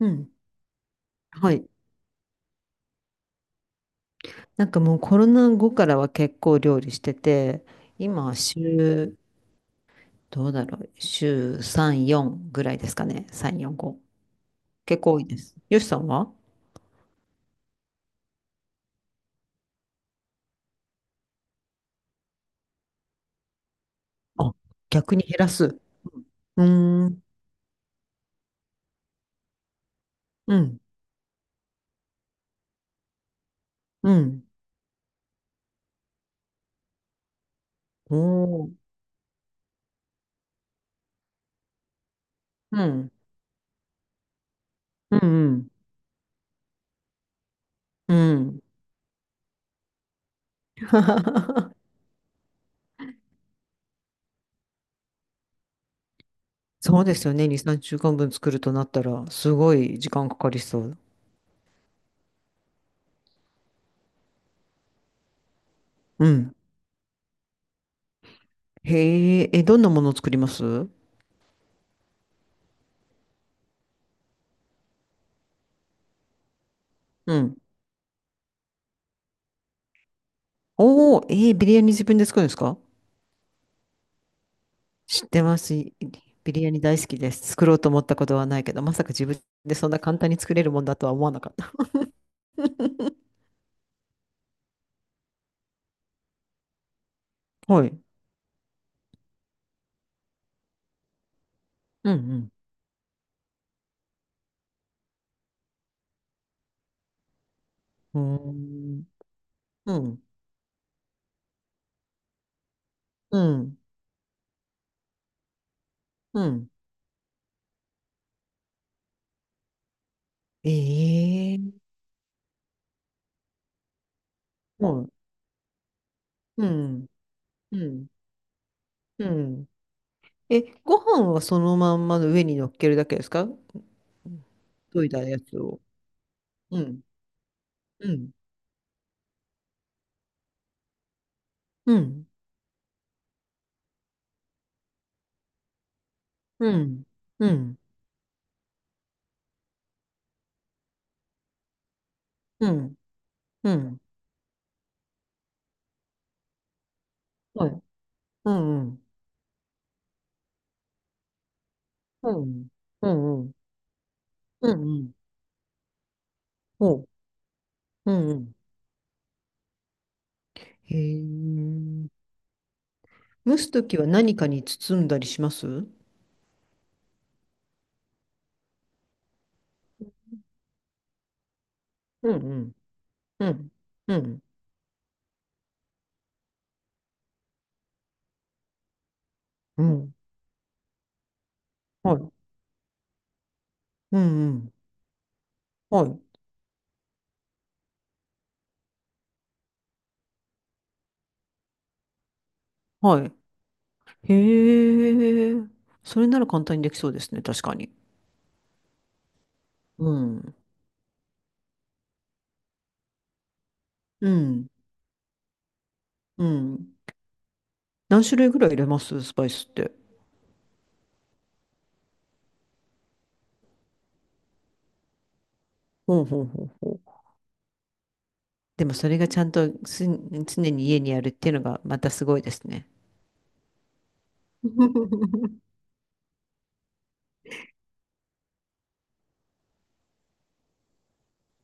うん。はい。なんかもうコロナ後からは結構料理してて、今は週、どうだろう、週3、4ぐらいですかね。3、4、5。結構多いです。よしさんは？あ、逆に減らす。うーん、うん、うん。おー、うん、うん、うん。うん。 そうですよね。2、3週間分作るとなったら、すごい時間かかりそう。うん。へえ、え、どんなものを作ります？うん。おー、えー、ビリヤニ自分で作るんですか？知ってます。ビリヤニ大好きです。作ろうと思ったことはないけど、まさか自分でそんな簡単に作れるもんだとは思わなかった。うん。うん。うん。うん。うん。ええええええええ。うん。うん。うん。え、ご飯はそのまま上に乗っけるだけですか？といたやつを。うん。うん。うん。うん。うん。うん。うん。うん。ほい。うん。うん。うん。うん。うん。うん。うん。うん。うん。うん。うん。へえ。蒸すときは何かに包んだりします？うん。うん。うん。うん。うん。はい。うん。はい。はい。へえ。それなら簡単にできそうですね。確かに。うん。うん。うん。何種類ぐらい入れます？スパイスって。ほうほうほうほう。でもそれがちゃんと常に家にあるっていうのがまたすごいですね。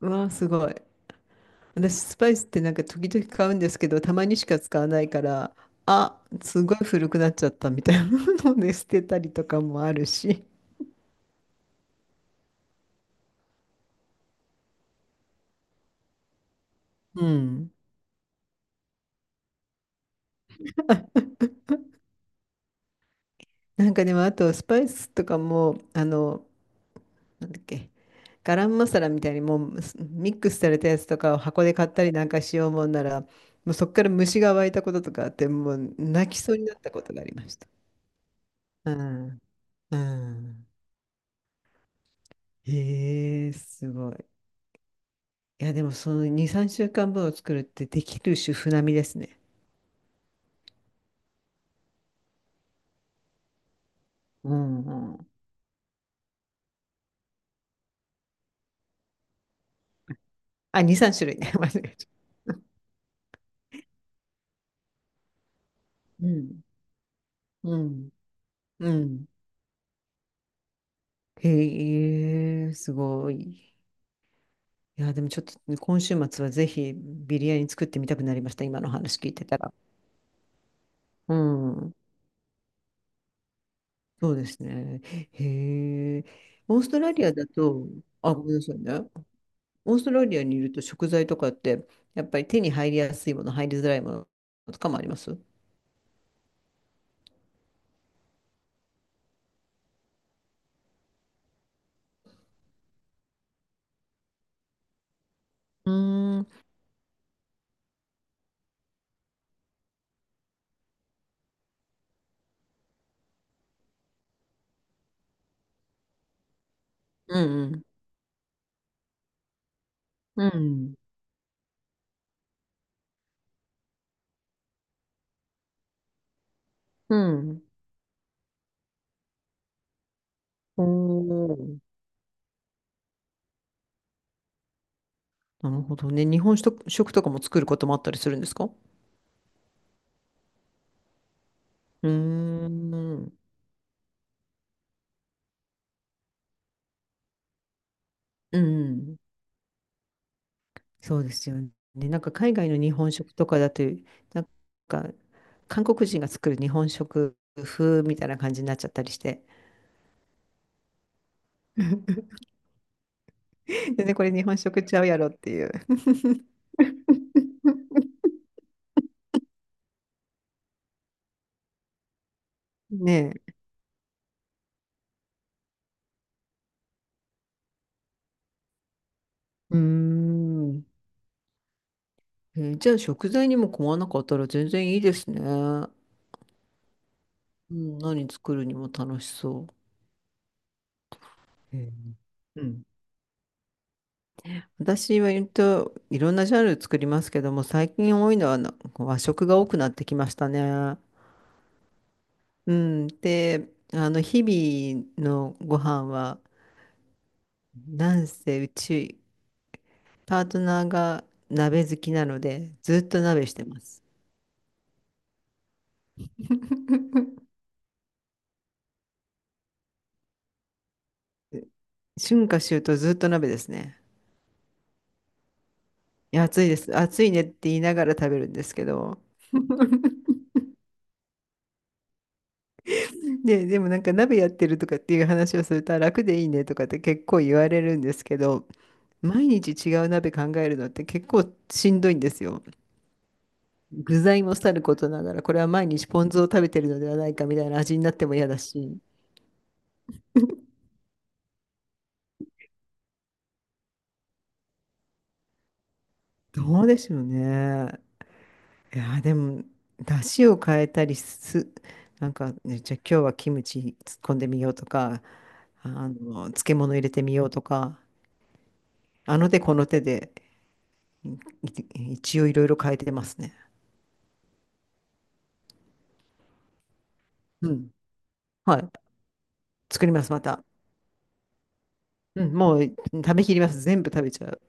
うわあ、すごい。私、スパイスってなんか時々買うんですけど、たまにしか使わないから、あ、すごい古くなっちゃったみたいなので捨てたりとかもあるし。うん。なんかでも、あと、スパイスとかも、なんだっけ、ガラムマサラみたいにもうミックスされたやつとかを箱で買ったりなんかしようもんなら、もうそこから虫が湧いたこととかあって、もう泣きそうになったことがありました。うん。うん。へえ、すごい。いや、でもその2、3週間分を作るってできる主婦並みですね。うんうん。あ、2、3種類ね。間違えちうん。うん。うん。へえ、すごい。いや、でもちょっとね今週末はぜひビリヤニ作ってみたくなりました。今の話聞いてたら。うん、そうですね。へえ。オーストラリアだと、あ、ごめんなさいね。オーストラリアにいると食材とかって、やっぱり手に入りやすいもの、入りづらいものとかもあります？うーん、うん、うん、うん。うん。おー。なるほどね。日本食、食とかも作ることもあったりするんですか？うーん。うん。そうですよね。なんか海外の日本食とかだと、なんか韓国人が作る日本食風みたいな感じになっちゃったりして。で、ねこれ日本食ちゃうやろっていう。ねえ。うーん。じゃあ食材にも困らなかったら全然いいですね。うん、何作るにも楽しそう。うん、私は言うといろんなジャンル作りますけども、最近多いのは和食が多くなってきましたね。うん。で、日々のご飯は、なんせうち、パートナーが鍋好きなので、ずっと鍋してます。春夏秋冬ずっと鍋ですね。いや、暑いです。暑いねって言いながら食べるんですけど。でもなんか鍋やってるとかっていう話をすると、あ、楽でいいねとかって結構言われるんですけど、毎日違う鍋考えるのって結構しんどいんですよ。具材もさることながら、これは毎日ポン酢を食べてるのではないかみたいな味になっても嫌だし。どうでしょうね。いやー、でも、出汁を変えたりす、なんか、ね、じゃあ今日はキムチ突っ込んでみようとか、漬物入れてみようとか、あの手この手で、一応いろいろ変えてますね。うん。はい。作ります、また。うん、もう食べきります。全部食べちゃう。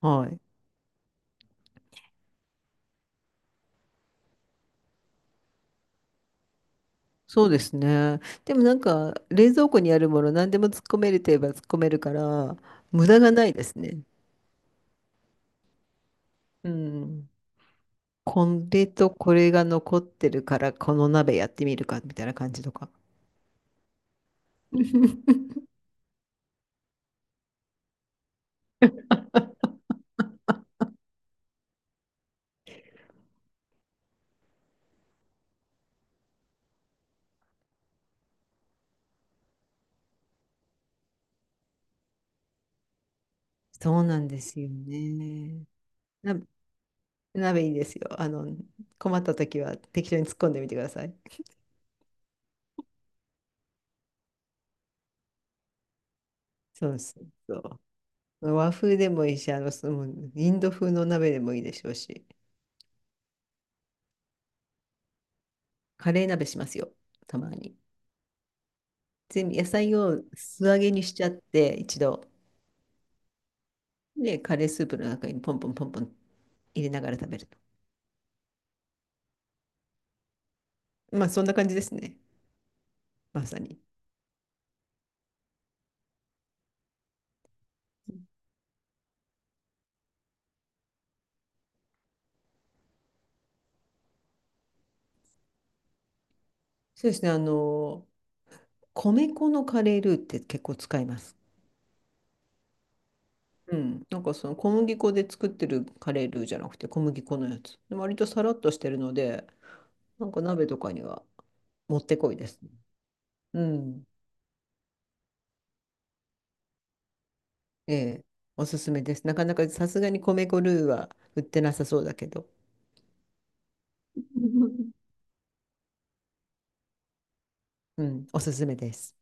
はい。そうですね。でもなんか、冷蔵庫にあるもの何でも突っ込めるといえば突っ込めるから、無駄がないですね。うん。これとこれが残ってるから、この鍋やってみるか、みたいな感じとか。そうなんですよね。な、鍋いいですよ。困った時は適当に突っ込んでみてください。そうそうそう。和風でもいいし、そのインド風の鍋でもいいでしょうし、カレー鍋しますよ、たまに。全部野菜を素揚げにしちゃって一度でカレースープの中にポンポンポンポン入れながら食べると、まあそんな感じですね。まさに、そうですね。米粉のカレールーって結構使います。うん。なんかその小麦粉で作ってるカレールーじゃなくて小麦粉のやつで割とさらっとしてるので、なんか鍋とかにはもってこいです。うん。ええ、おすすめです。なかなかさすがに米粉ルーは売ってなさそうだけど。 うん、おすすめです。